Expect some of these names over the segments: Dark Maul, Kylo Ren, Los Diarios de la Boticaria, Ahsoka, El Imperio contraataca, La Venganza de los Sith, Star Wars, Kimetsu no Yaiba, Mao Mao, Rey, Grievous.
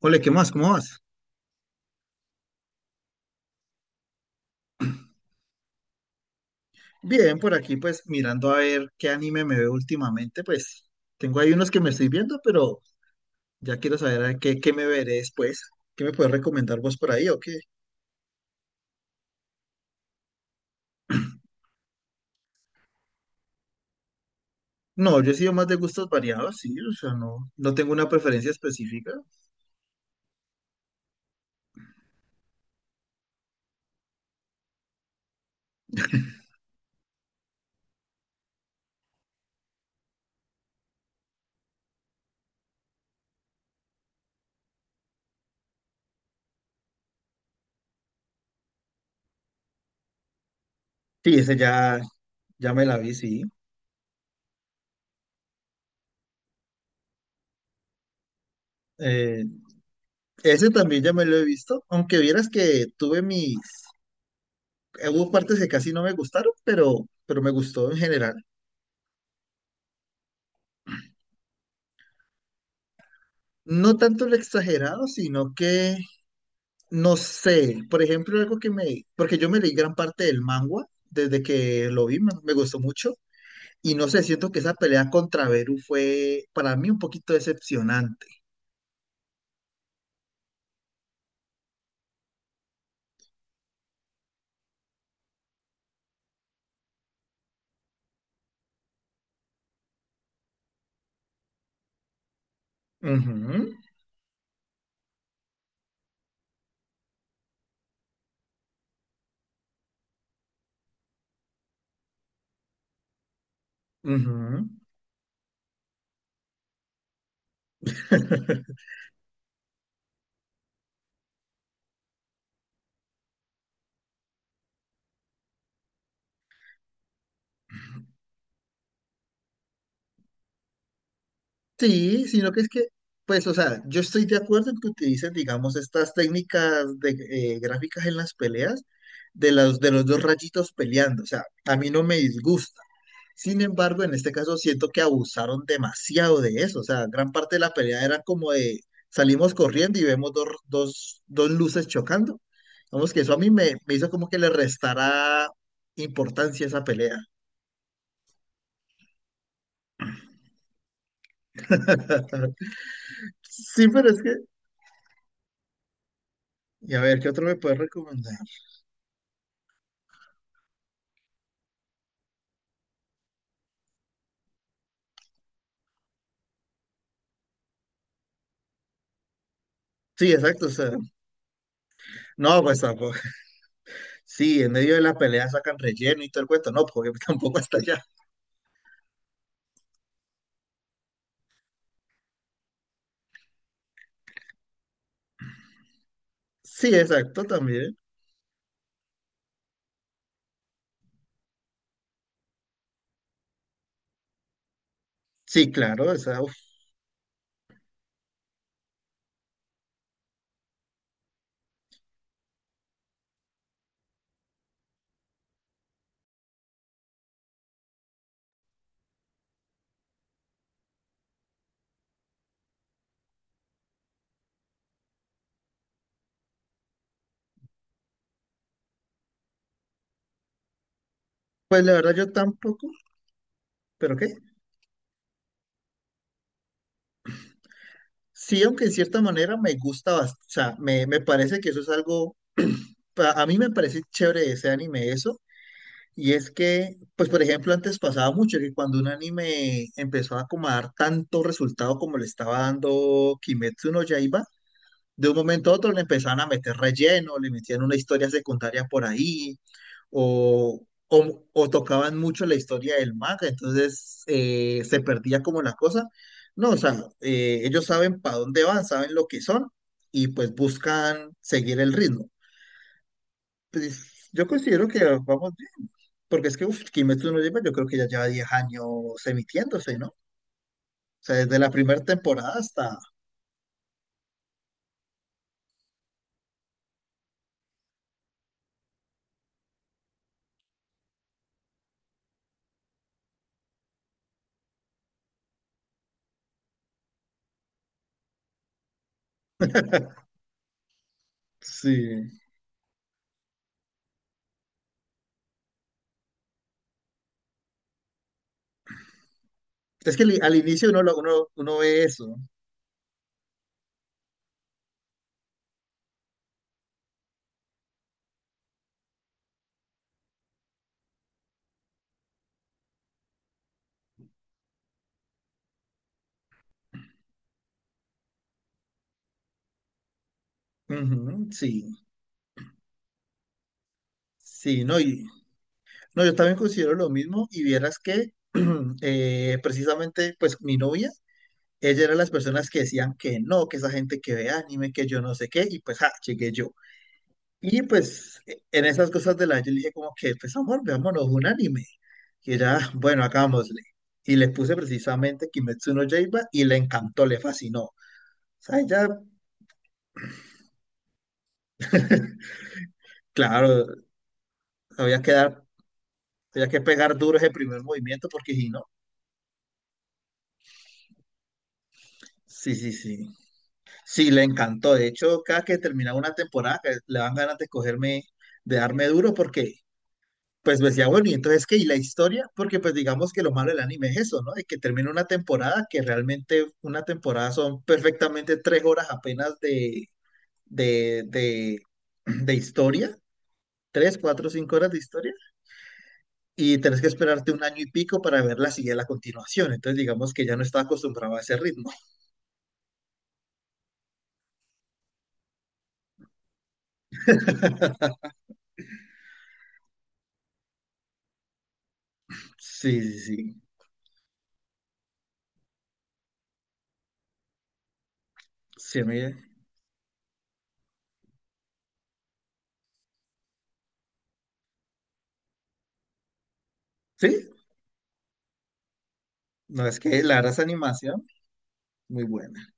Ole, ¿qué más? ¿Cómo vas? Bien, por aquí pues mirando a ver qué anime me veo últimamente, pues tengo ahí unos que me estoy viendo, pero ya quiero saber qué me veré después. ¿Qué me puedes recomendar vos por ahí o qué? No, yo he sido más de gustos variados, sí, o sea, no tengo una preferencia específica. Sí, ese ya me la vi, sí. Eh, ese también ya me lo he visto, aunque vieras que tuve mis, hubo partes que casi no me gustaron, pero me gustó en general. No tanto lo exagerado, sino que no sé, por ejemplo, algo que me, porque yo me leí gran parte del manga desde que lo vi, me gustó mucho, y no sé, siento que esa pelea contra Beru fue para mí un poquito decepcionante. Ujú, ujú. Sí, sino que es que, pues, o sea, yo estoy de acuerdo en que utilicen, digamos, estas técnicas de gráficas en las peleas de los dos rayitos peleando. O sea, a mí no me disgusta. Sin embargo, en este caso siento que abusaron demasiado de eso. O sea, gran parte de la pelea era como de salimos corriendo y vemos dos luces chocando. Vamos, que eso a mí me hizo como que le restara importancia a esa pelea. Sí, pero es que, y a ver, ¿qué otro me puedes recomendar? Sí, exacto, o sea, no, pues tampoco. Sí, en medio de la pelea sacan relleno y todo el cuento. No, porque tampoco hasta allá. Sí, exacto, también. Sí, claro. O sea, uf, pues la verdad yo tampoco. ¿Pero qué? Sí, aunque en cierta manera me gusta bastante. O sea, me parece que eso es algo. A mí me parece chévere de ese anime eso. Y es que, pues por ejemplo, antes pasaba mucho que cuando un anime empezó a como a dar tanto resultado como le estaba dando Kimetsu no Yaiba de un momento a otro le empezaban a meter relleno, le metían una historia secundaria por ahí, o, o tocaban mucho la historia del manga, entonces se perdía como la cosa. No, o sea, ellos saben para dónde van, saben lo que son, y pues buscan seguir el ritmo. Pues yo considero que vamos bien, porque es que uf, Kimetsu no lleva, yo creo que ya lleva 10 años emitiéndose, ¿no? O sea, desde la primera temporada hasta... Sí. Es que al inicio uno ve eso. Ujú, sí, sí, no, y, no, yo también considero lo mismo y vieras que precisamente pues mi novia, ella era de las personas que decían que no, que esa gente que ve anime, que yo no sé qué, y pues ja, llegué yo. Y pues en esas cosas de la yo le dije como que pues amor, veámonos un anime. Y ella, "Ah, bueno, hagámosle. Y le puse precisamente Kimetsu no Yaiba y le encantó, le fascinó. O sea, ella, claro, había que dar, había que pegar duro ese primer movimiento porque si no... Sí, sí, sí. Sí, le encantó. De hecho, cada que terminaba una temporada, que le dan ganas de escogerme, de darme duro, porque pues me decía, bueno, y entonces qué, y la historia, porque pues digamos que lo malo del anime es eso, ¿no? Es que termina una temporada, que realmente una temporada son perfectamente 3 horas apenas de, de, de historia, 3, 4, 5 horas de historia, y tenés que esperarte un año y pico para ver la siguiente, la continuación. Entonces, digamos que ya no estaba acostumbrado a ese ritmo. Sí, sí, sí. Sí, a sí, no, es que la verdad esa animación, muy buena.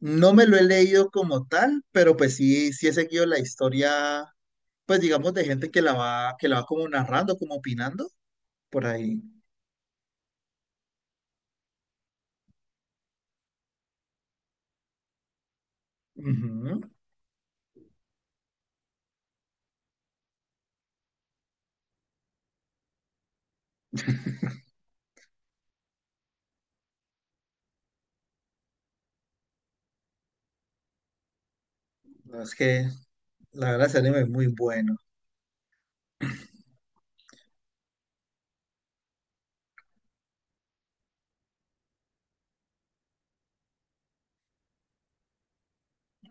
No me lo he leído como tal, pero pues sí, sí he seguido la historia, pues digamos, de gente que la va como narrando, como opinando, por ahí. Ujú. No, es que la verdad ese anime es muy bueno.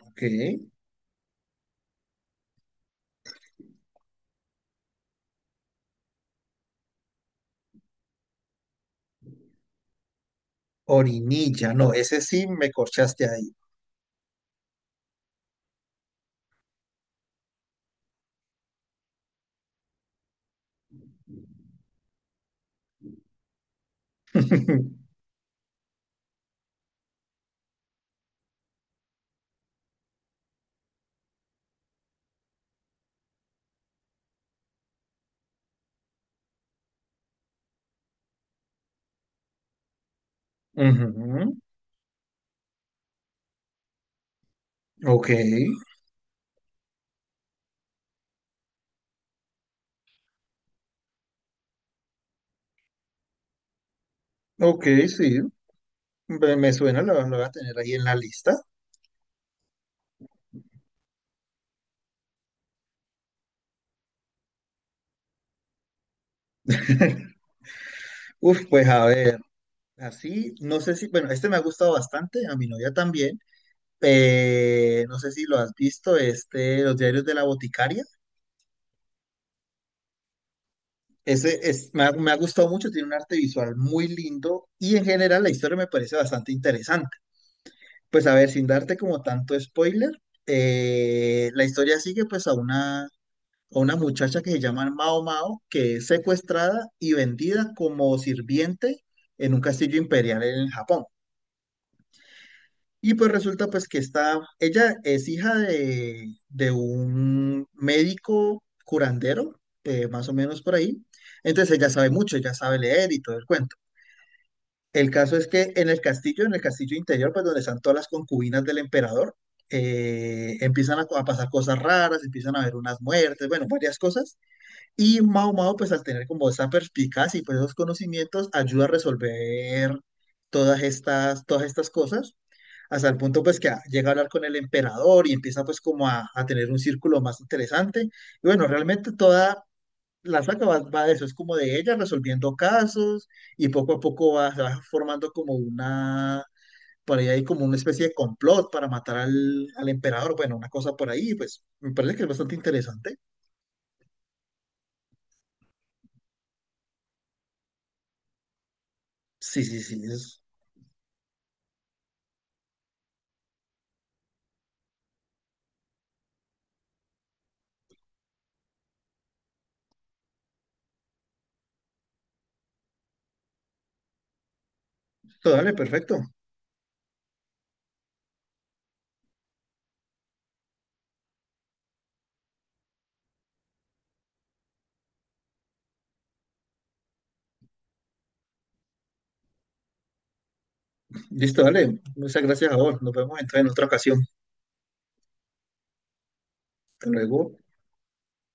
Ok. Orinilla, no, ese sí me corchaste ahí. Ujú. Ok, ok, sí. Me suena, lo voy a tener ahí en la lista. Uf, pues a ver. Así, no sé si, bueno, este me ha gustado bastante, a mi novia también. No sé si lo has visto, este, Los Diarios de la Boticaria. Ese es, me ha gustado mucho, tiene un arte visual muy lindo y en general la historia me parece bastante interesante. Pues a ver, sin darte como tanto spoiler, la historia sigue pues a una muchacha que se llama Mao Mao, que es secuestrada y vendida como sirviente en un castillo imperial en Japón. Y pues resulta pues que está, ella es hija de un médico curandero, más o menos por ahí. Entonces ella sabe mucho, ella sabe leer y todo el cuento. El caso es que en el castillo interior, pues donde están todas las concubinas del emperador, empiezan a pasar cosas raras, empiezan a haber unas muertes, bueno, varias cosas. Y Mao Mao, pues al tener como esa perspicacia y pues esos conocimientos, ayuda a resolver todas estas cosas hasta el punto pues que llega a hablar con el emperador y empieza pues como a tener un círculo más interesante. Y bueno, realmente toda la saga va de eso, es como de ella resolviendo casos y poco a poco se va formando como una, por ahí hay como una especie de complot para matar al emperador, bueno, una cosa por ahí, pues me parece que es bastante interesante. Sí, sí, sí, es... todo Dale, perfecto. Listo, dale. Muchas gracias a vos. Nos vemos entonces en otra ocasión. Hasta luego.